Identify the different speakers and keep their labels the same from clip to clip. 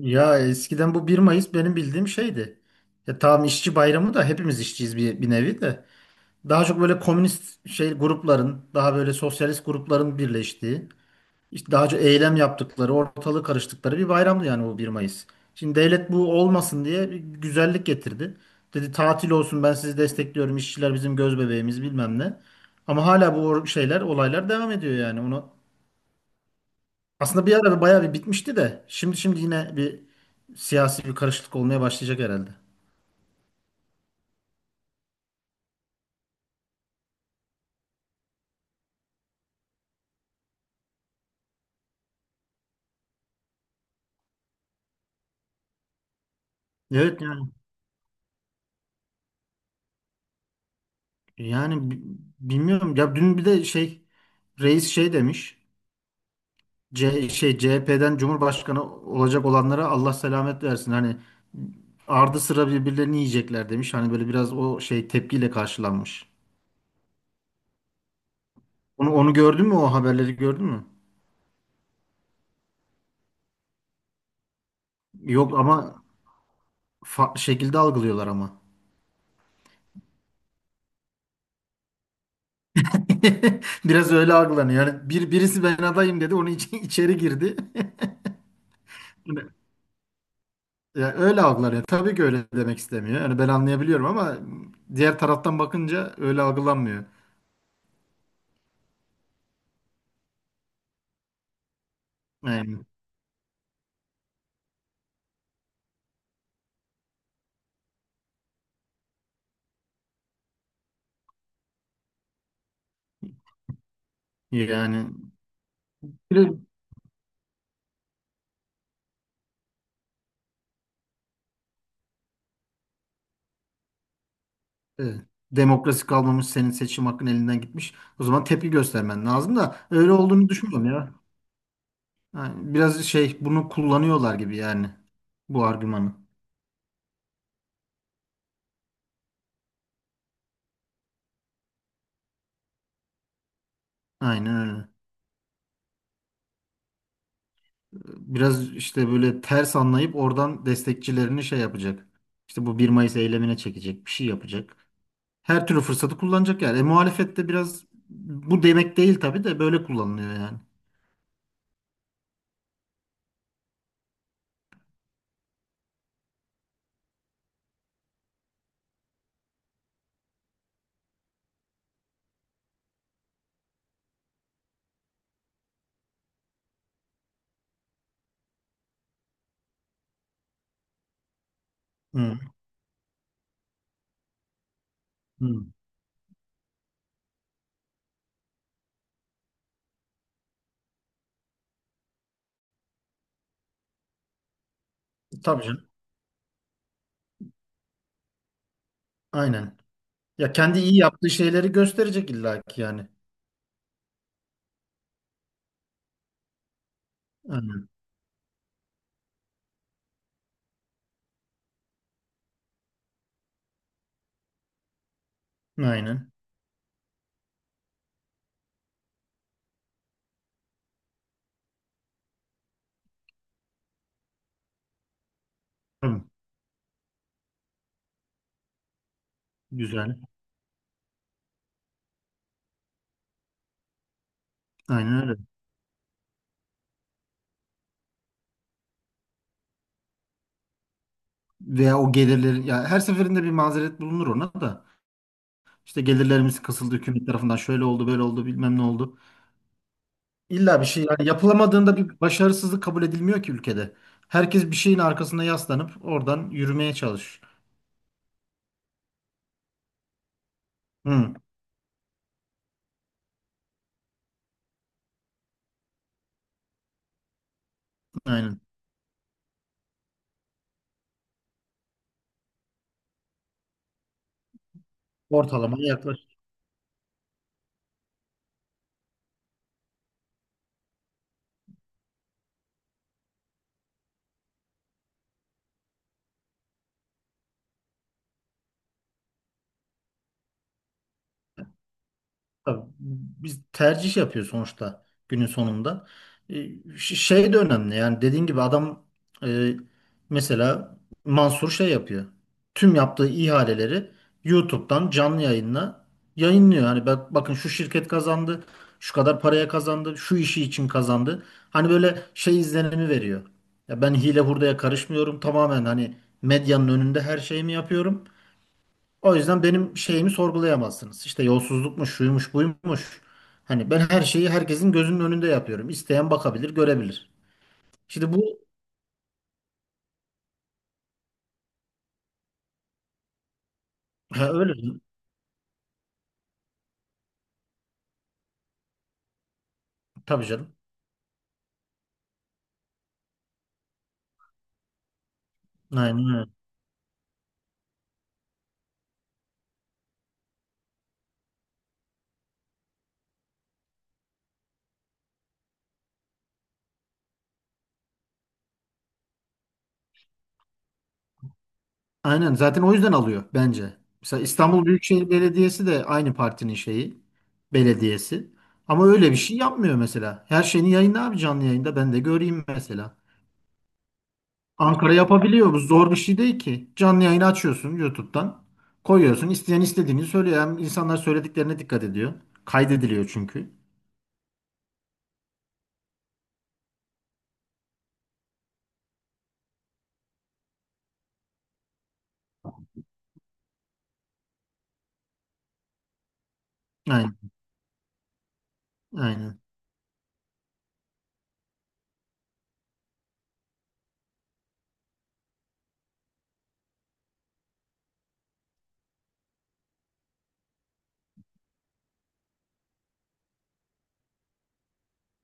Speaker 1: Ya eskiden bu 1 Mayıs benim bildiğim şeydi. Ya tamam, işçi bayramı da hepimiz işçiyiz bir nevi de. Daha çok böyle komünist şey grupların, daha böyle sosyalist grupların birleştiği, işte daha çok eylem yaptıkları, ortalığı karıştıkları bir bayramdı yani bu 1 Mayıs. Şimdi devlet bu olmasın diye bir güzellik getirdi. Dedi tatil olsun, ben sizi destekliyorum, işçiler bizim göz bebeğimiz bilmem ne. Ama hala bu şeyler, olaylar devam ediyor yani. Ona aslında bir ara bayağı bir bitmişti de şimdi yine bir siyasi bir karışıklık olmaya başlayacak herhalde. Evet, yani, yani bi- bilmiyorum ya, dün bir de şey, reis şey demiş. C şey CHP'den Cumhurbaşkanı olacak olanlara Allah selamet versin. Hani ardı sıra birbirlerini yiyecekler demiş. Hani böyle biraz o şey tepkiyle karşılanmış. Onu gördün mü, o haberleri gördün mü? Yok ama farklı şekilde algılıyorlar ama. Biraz öyle algılanıyor. Yani birisi ben adayım dedi. Onun için içeri girdi. Yani, ya öyle algılanıyor. Tabii ki öyle demek istemiyor. Yani ben anlayabiliyorum ama diğer taraftan bakınca öyle algılanmıyor. Yani, yani bir- evet, demokrasi kalmamış, senin seçim hakkın elinden gitmiş. O zaman tepki göstermen lazım da öyle olduğunu düşünmüyorum ya. Yani biraz şey bunu kullanıyorlar gibi yani, bu argümanı. Aynen öyle. Biraz işte böyle ters anlayıp oradan destekçilerini şey yapacak. İşte bu 1 Mayıs eylemine çekecek, bir şey yapacak. Her türlü fırsatı kullanacak yani. E, muhalefet de biraz bu demek değil tabii de böyle kullanılıyor yani. Hı, hı. Tabii canım. Aynen. Ya kendi iyi yaptığı şeyleri gösterecek illaki yani. Aynen. Aynen. Tabii. Güzel. Aynen öyle. Veya o gelirlerin ya, her seferinde bir mazeret bulunur ona da. İşte gelirlerimiz kısıldı hükümet tarafından, şöyle oldu, böyle oldu, bilmem ne oldu. İlla bir şey yani yapılamadığında bir başarısızlık kabul edilmiyor ki ülkede. Herkes bir şeyin arkasına yaslanıp oradan yürümeye çalış. Hı, aynen. Ortalamaya yaklaş. Tabii, biz tercih yapıyor sonuçta günün sonunda. E, Şey de önemli, yani dediğin gibi adam, e, mesela Mansur şey yapıyor. Tüm yaptığı ihaleleri YouTube'dan canlı yayınla yayınlıyor. Hani bak, bakın şu şirket kazandı, şu kadar paraya kazandı, şu işi için kazandı. Hani böyle şey izlenimi veriyor. Ya, ben hile hurdaya karışmıyorum. Tamamen hani medyanın önünde her şeyimi yapıyorum. O yüzden benim şeyimi sorgulayamazsınız. İşte yolsuzlukmuş, şuymuş, buymuş. Hani ben her şeyi herkesin gözünün önünde yapıyorum. İsteyen bakabilir, görebilir. Şimdi bu, ha, öyle, tabii canım. Aynen öyle. Aynen, zaten o yüzden alıyor bence. Mesela İstanbul Büyükşehir Belediyesi de aynı partinin şeyi, belediyesi. Ama öyle bir şey yapmıyor mesela. Her şeyini yayınla abi, canlı yayında ben de göreyim mesela. Ankara yapabiliyor. Bu zor bir şey değil ki. Canlı yayını açıyorsun YouTube'dan. Koyuyorsun. İsteyen istediğini söylüyor. Hem insanlar söylediklerine dikkat ediyor. Kaydediliyor çünkü. Aynen. Aynen.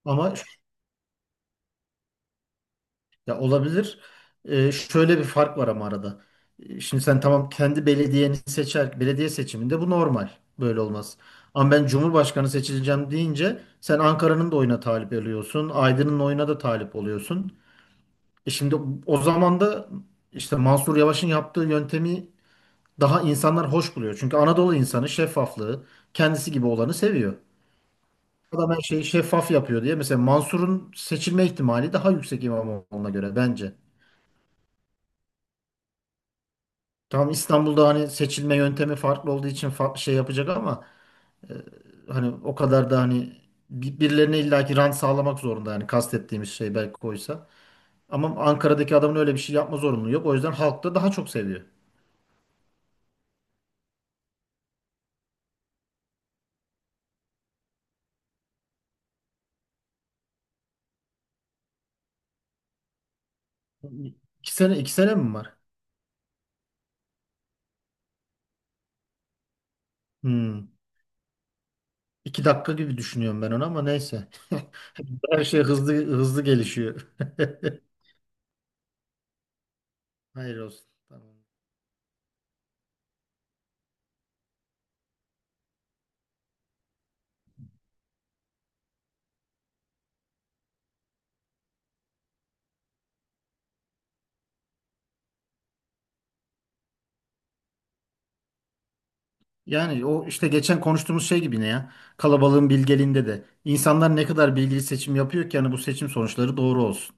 Speaker 1: Ama ya olabilir. Şöyle bir fark var ama arada. Şimdi sen, tamam, kendi belediyeni seçer. Belediye seçiminde bu normal. Böyle olmaz. Ama ben Cumhurbaşkanı seçileceğim deyince sen Ankara'nın da oyuna talip oluyorsun. Aydın'ın oyuna da talip oluyorsun. E şimdi, o zaman da işte Mansur Yavaş'ın yaptığı yöntemi daha insanlar hoş buluyor. Çünkü Anadolu insanı şeffaflığı, kendisi gibi olanı seviyor. Adam her şeyi şeffaf yapıyor diye. Mesela Mansur'un seçilme ihtimali daha yüksek İmamoğlu'na göre bence. Tamam, İstanbul'da hani seçilme yöntemi farklı olduğu için farklı şey yapacak ama hani o kadar da hani birilerine illaki rant sağlamak zorunda, yani kastettiğimiz şey belki koysa. Ama Ankara'daki adamın öyle bir şey yapma zorunluluğu yok. O yüzden halk da daha çok seviyor. İki sene mi var? Hmm. 2 dakika gibi düşünüyorum ben onu ama neyse. Her şey hızlı hızlı gelişiyor. Hayır olsun. Tamam. Yani o, işte geçen konuştuğumuz şey gibi ne ya? Kalabalığın bilgeliğinde de. İnsanlar ne kadar bilgili seçim yapıyor ki, yani bu seçim sonuçları doğru olsun.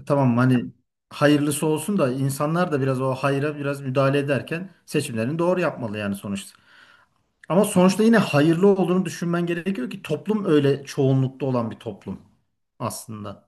Speaker 1: E tamam, hani hayırlısı olsun da insanlar da biraz o hayra biraz müdahale ederken seçimlerini doğru yapmalı yani sonuçta. Ama sonuçta yine hayırlı olduğunu düşünmen gerekiyor ki, toplum öyle çoğunlukta olan bir toplum aslında.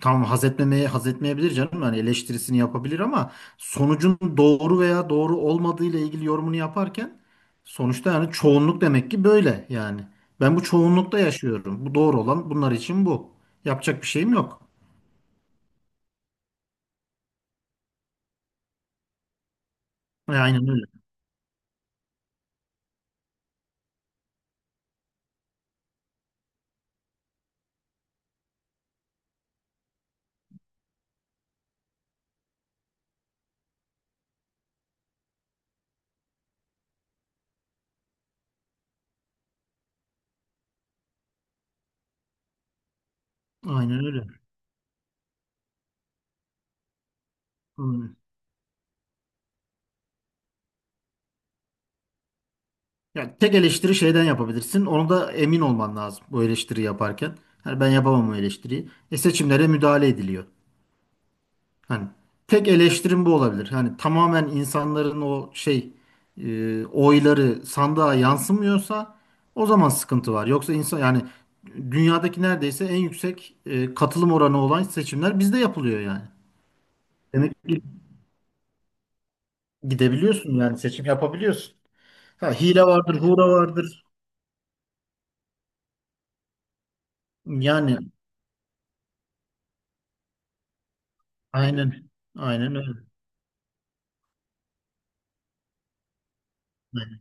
Speaker 1: Tamam, haz etmemeye haz etmeyebilir canım. Yani eleştirisini yapabilir ama sonucun doğru veya doğru olmadığı ile ilgili yorumunu yaparken sonuçta yani çoğunluk demek ki böyle yani. Ben bu çoğunlukta yaşıyorum. Bu doğru olan, bunlar için bu. Yapacak bir şeyim yok. E, aynen öyle. Aynen öyle. Hmm. Ya tek eleştiri şeyden yapabilirsin. Onu da emin olman lazım bu eleştiri yaparken. Yani ben yapamam o eleştiriyi. E seçimlere müdahale ediliyor. Hani tek eleştirim bu olabilir. Hani tamamen insanların o şey, oyları sandığa yansımıyorsa o zaman sıkıntı var. Yoksa insan yani dünyadaki neredeyse en yüksek katılım oranı olan seçimler bizde yapılıyor yani. Demek ki gidebiliyorsun, yani seçim yapabiliyorsun. Ha, hile vardır, hura vardır. Yani aynen, aynen öyle. Aynen.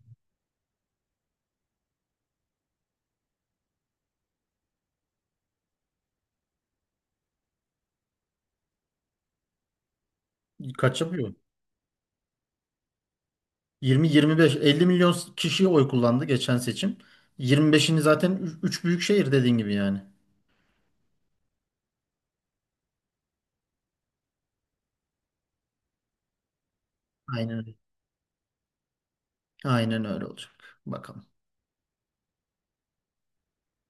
Speaker 1: Kaçamıyor. 20-25, 50 milyon kişi oy kullandı geçen seçim. 25'ini zaten 3 büyük şehir dediğin gibi yani. Aynen öyle. Aynen öyle olacak. Bakalım.